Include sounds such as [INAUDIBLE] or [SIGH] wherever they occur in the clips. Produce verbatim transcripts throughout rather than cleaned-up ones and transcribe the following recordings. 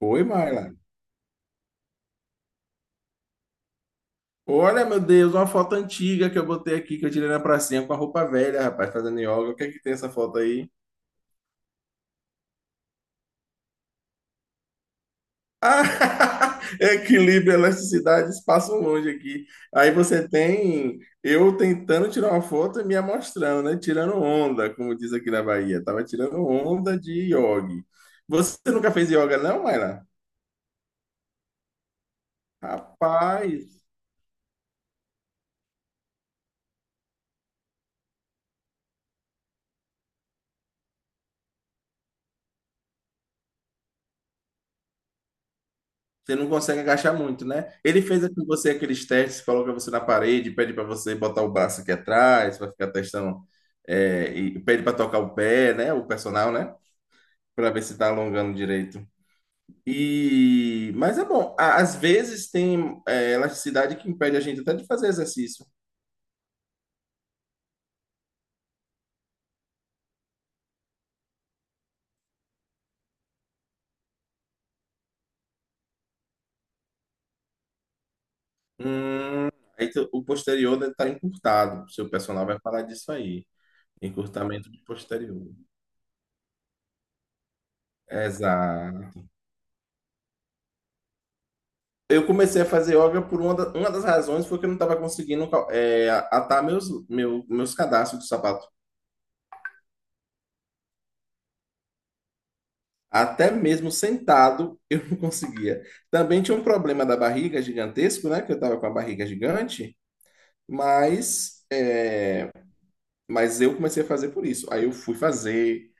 Oi, Marla. Olha, meu Deus, uma foto antiga que eu botei aqui, que eu tirei na pracinha com a roupa velha, rapaz, fazendo yoga. O que é que tem essa foto aí? Ah, [LAUGHS] equilíbrio, elasticidade, espaço longe aqui. Aí você tem eu tentando tirar uma foto e me amostrando, né? Tirando onda, como diz aqui na Bahia. Tava tirando onda de yoga. Você nunca fez yoga, não, Marla? Rapaz. Você não consegue agachar muito, né? Ele fez com você aqueles testes, coloca você na parede, pede para você botar o braço aqui atrás, vai ficar testando, é, e pede para tocar o pé, né? O personal, né? Para ver se tá alongando direito. E mas é bom. Á- Às vezes tem é, elasticidade que impede a gente até de fazer exercício. Hum, aí tu- o posterior deve estar encurtado. O seu personal vai falar disso aí. Encurtamento de posterior. Exato. Eu comecei a fazer yoga por uma, da- uma das razões foi que eu não estava conseguindo cal- é, atar meus, meu- meus cadastros do sapato. Até mesmo sentado eu não [LAUGHS] conseguia. Também tinha um problema da barriga gigantesco, né? Que eu estava com a barriga gigante, mas é, mas eu comecei a fazer por isso. Aí eu fui fazer.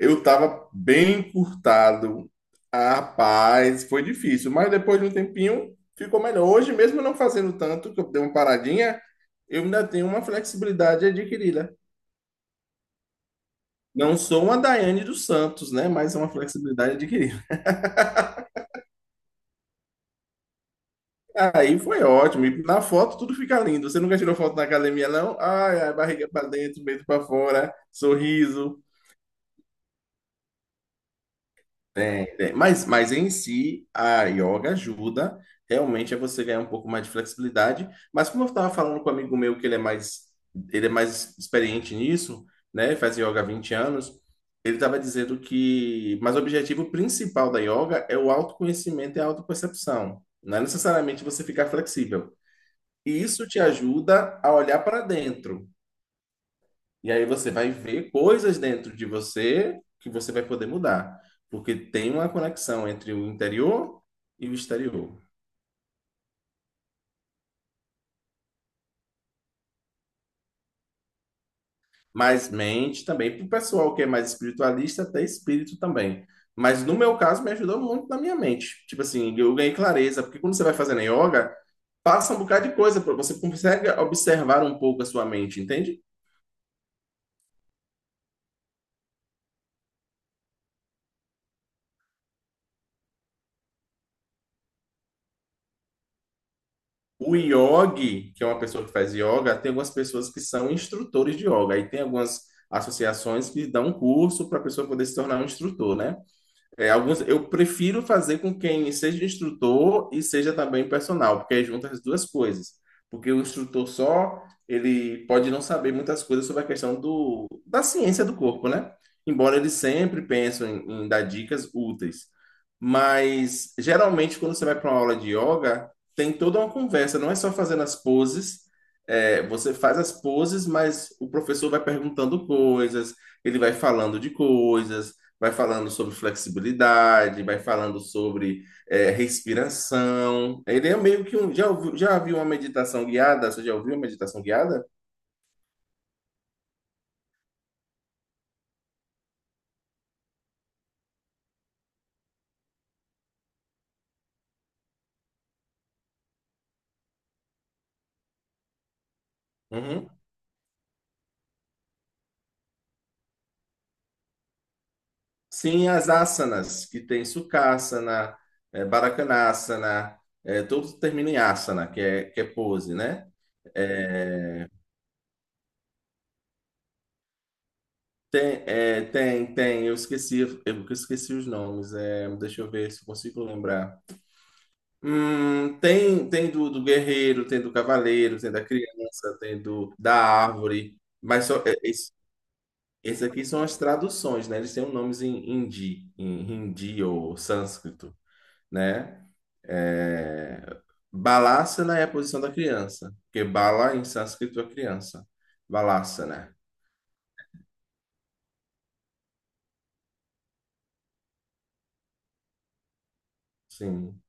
Eu estava bem encurtado. Ah, rapaz, foi difícil. Mas depois de um tempinho, ficou melhor. Hoje, mesmo não fazendo tanto, que eu dei uma paradinha, eu ainda tenho uma flexibilidade adquirida. Não sou uma Daiane dos Santos, né? Mas é uma flexibilidade adquirida. Aí foi ótimo. E na foto tudo fica lindo. Você nunca tirou foto na academia, não? Ai, a barriga para dentro, peito para fora, sorriso. Tem, tem. Mas, mas em si, a yoga ajuda realmente a você ganhar um pouco mais de flexibilidade. Mas como eu estava falando com um amigo meu que ele é mais, ele é mais experiente nisso, né? Faz yoga há vinte anos. Ele estava dizendo que, mas o objetivo principal da yoga é o autoconhecimento e a autopercepção. Não é necessariamente você ficar flexível. E isso te ajuda a olhar para dentro. E aí você vai ver coisas dentro de você que você vai poder mudar, porque tem uma conexão entre o interior e o exterior. Mas mente também, para o pessoal que é mais espiritualista, até espírito também. Mas no meu caso, me ajudou muito na minha mente. Tipo assim, eu ganhei clareza, porque quando você vai fazendo yoga, passa um bocado de coisa, você consegue observar um pouco a sua mente, entende? O yogi, que é uma pessoa que faz yoga, tem algumas pessoas que são instrutores de yoga. Aí tem algumas associações que dão um curso para a pessoa poder se tornar um instrutor, né? É, alguns, eu prefiro fazer com quem seja instrutor e seja também personal, porque aí junta as duas coisas. Porque o instrutor só, ele pode não saber muitas coisas sobre a questão do, da ciência do corpo, né? Embora eles sempre pensam em, em dar dicas úteis. Mas, geralmente, quando você vai para uma aula de yoga, tem toda uma conversa, não é só fazendo as poses. É, você faz as poses, mas o professor vai perguntando coisas, ele vai falando de coisas, vai falando sobre flexibilidade, vai falando sobre é, respiração. Ele é meio que um. Já ouviu, já viu uma meditação guiada? Você já ouviu uma meditação guiada? Uhum. Sim, as asanas, que tem Sukhasana, é, Barakanasana, é, todos terminam em asana, que é, que é pose, né? É, tem, é, tem, tem, eu esqueci, eu esqueci os nomes, é, deixa eu ver se eu consigo lembrar. Hum, tem tem do, do guerreiro, tem do cavaleiro, tem da criança, tem do da árvore, mas só, é, esse, esse aqui são as traduções, né? Eles têm um nomes em hindi, em hindi ou sânscrito, né? É, Balasana é a posição da criança, porque bala em sânscrito é criança. Balasana, sim.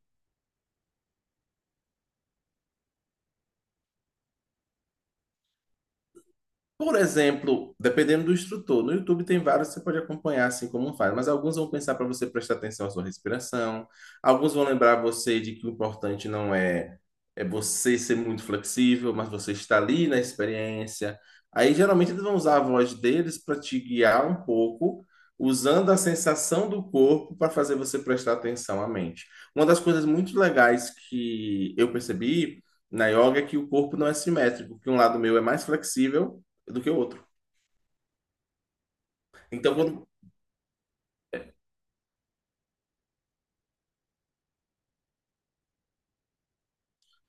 Por exemplo, dependendo do instrutor, no YouTube tem vários que você pode acompanhar assim como faz, mas alguns vão pensar para você prestar atenção à sua respiração, alguns vão lembrar você de que o importante não é é você ser muito flexível, mas você está ali na experiência. Aí geralmente eles vão usar a voz deles para te guiar um pouco, usando a sensação do corpo para fazer você prestar atenção à mente. Uma das coisas muito legais que eu percebi na yoga é que o corpo não é simétrico, que um lado meu é mais flexível do que o outro. Então, quando.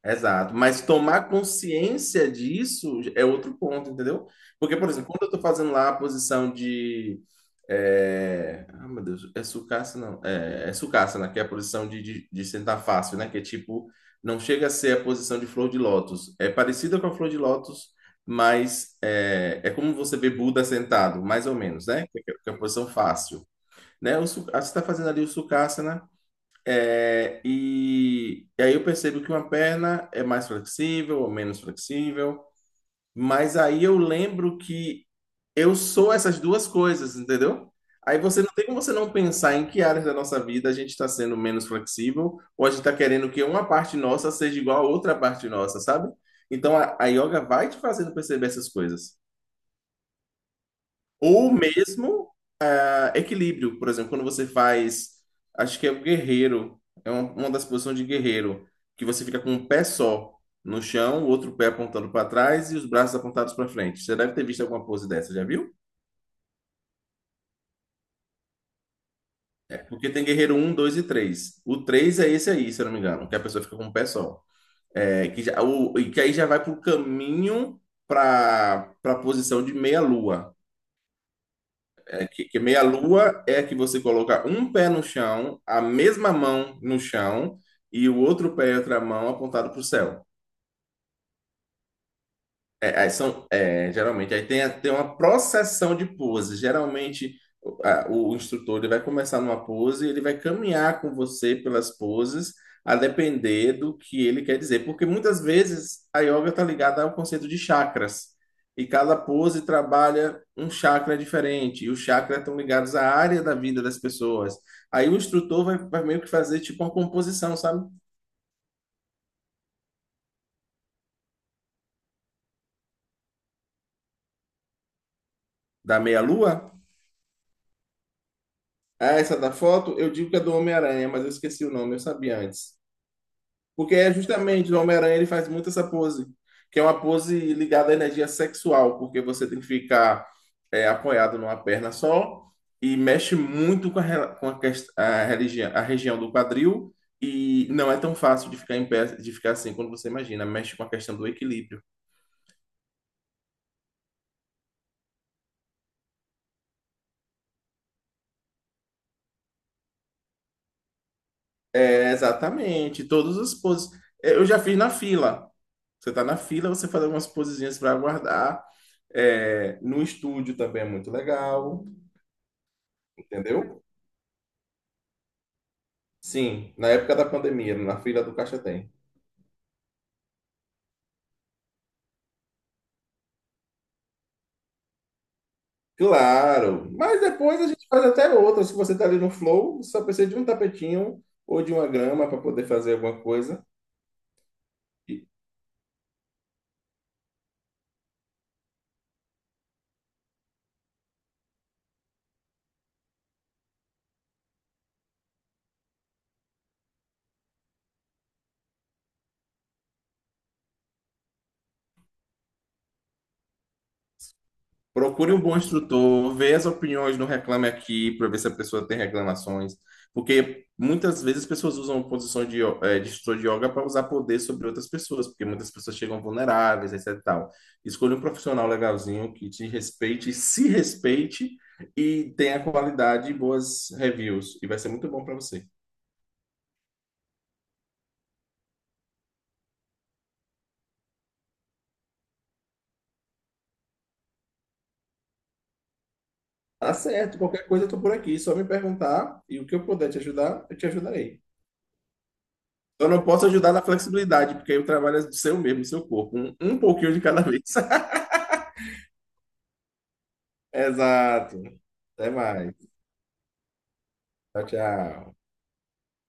Exato. Mas tomar consciência disso é outro ponto, entendeu? Porque, por exemplo, quando eu estou fazendo lá a posição de. É... Ah, meu Deus, é sucaça, não. É, é sucassana, que é a posição de, de, de sentar fácil, né? Que é tipo, não chega a ser a posição de flor de lótus. É parecida com a flor de lótus, mas é, é como você vê Buda sentado, mais ou menos, né? Que é que é a posição fácil. Né? O, su- ah, você está fazendo ali o sucassana. É, e, e aí eu percebo que uma perna é mais flexível ou menos flexível, mas aí eu lembro que eu sou essas duas coisas, entendeu? Aí você não tem como você não pensar em que áreas da nossa vida a gente está sendo menos flexível ou a gente está querendo que uma parte nossa seja igual a outra parte nossa, sabe? Então a, a yoga vai te fazendo perceber essas coisas. Ou mesmo equilíbrio, por exemplo, quando você faz, acho que é o guerreiro, é uma, uma das posições de guerreiro, que você fica com um pé só no chão, o outro pé apontando para trás e os braços apontados para frente. Você deve ter visto alguma pose dessa, já viu? É, porque tem guerreiro um, dois e três. O três é esse aí, se eu não me engano, que a pessoa fica com um pé só. É, que, já, o, e que aí já vai para o caminho para a posição de meia-lua. Que, que meia-lua é que você coloca um pé no chão, a mesma mão no chão e o outro pé e outra mão apontado para o céu. É, aí são, é, geralmente, aí tem, a- tem uma processão de poses. Geralmente, o a- o instrutor ele vai começar numa pose e ele vai caminhar com você pelas poses, a depender do que ele quer dizer. Porque muitas vezes a yoga está ligada ao conceito de chakras. E cada pose trabalha um chakra diferente. E os chakras estão ligados à área da vida das pessoas. Aí o instrutor vai, vai meio que fazer tipo uma composição, sabe? Da meia-lua. Ah, essa da foto, eu digo que é do Homem-Aranha, mas eu esqueci o nome, eu sabia antes. Porque é justamente o Homem-Aranha, ele faz muito essa pose, que é uma pose ligada à energia sexual, porque você tem que ficar é, apoiado numa perna só e mexe muito com a, re- com a, quest- a religião, a região do quadril e não é tão fácil de ficar em pé, de ficar assim quando você imagina, mexe com a questão do equilíbrio. É, exatamente, todas as poses. É, eu já fiz na fila. Você tá na fila, você faz algumas posezinhas para aguardar. É, no estúdio também é muito legal, entendeu? Sim, na época da pandemia, na fila do caixa tem. Claro, mas depois a gente faz até outras. Se você tá ali no flow, só precisa de um tapetinho ou de uma grama para poder fazer alguma coisa. Procure um bom instrutor, vê as opiniões no Reclame Aqui para ver se a pessoa tem reclamações, porque muitas vezes as pessoas usam posição de, yo- eh, de instrutor de yoga para usar poder sobre outras pessoas, porque muitas pessoas chegam vulneráveis, etc e tal. Escolha um profissional legalzinho que te respeite, se respeite e tenha qualidade e boas reviews, e vai ser muito bom para você. Tá certo, qualquer coisa eu tô por aqui, só me perguntar e o que eu puder te ajudar, eu te ajudarei. Eu não posso ajudar na flexibilidade, porque aí o trabalho é do seu mesmo, do seu corpo. Um, um pouquinho de cada vez. [LAUGHS] Exato. Até mais. Tchau, tchau.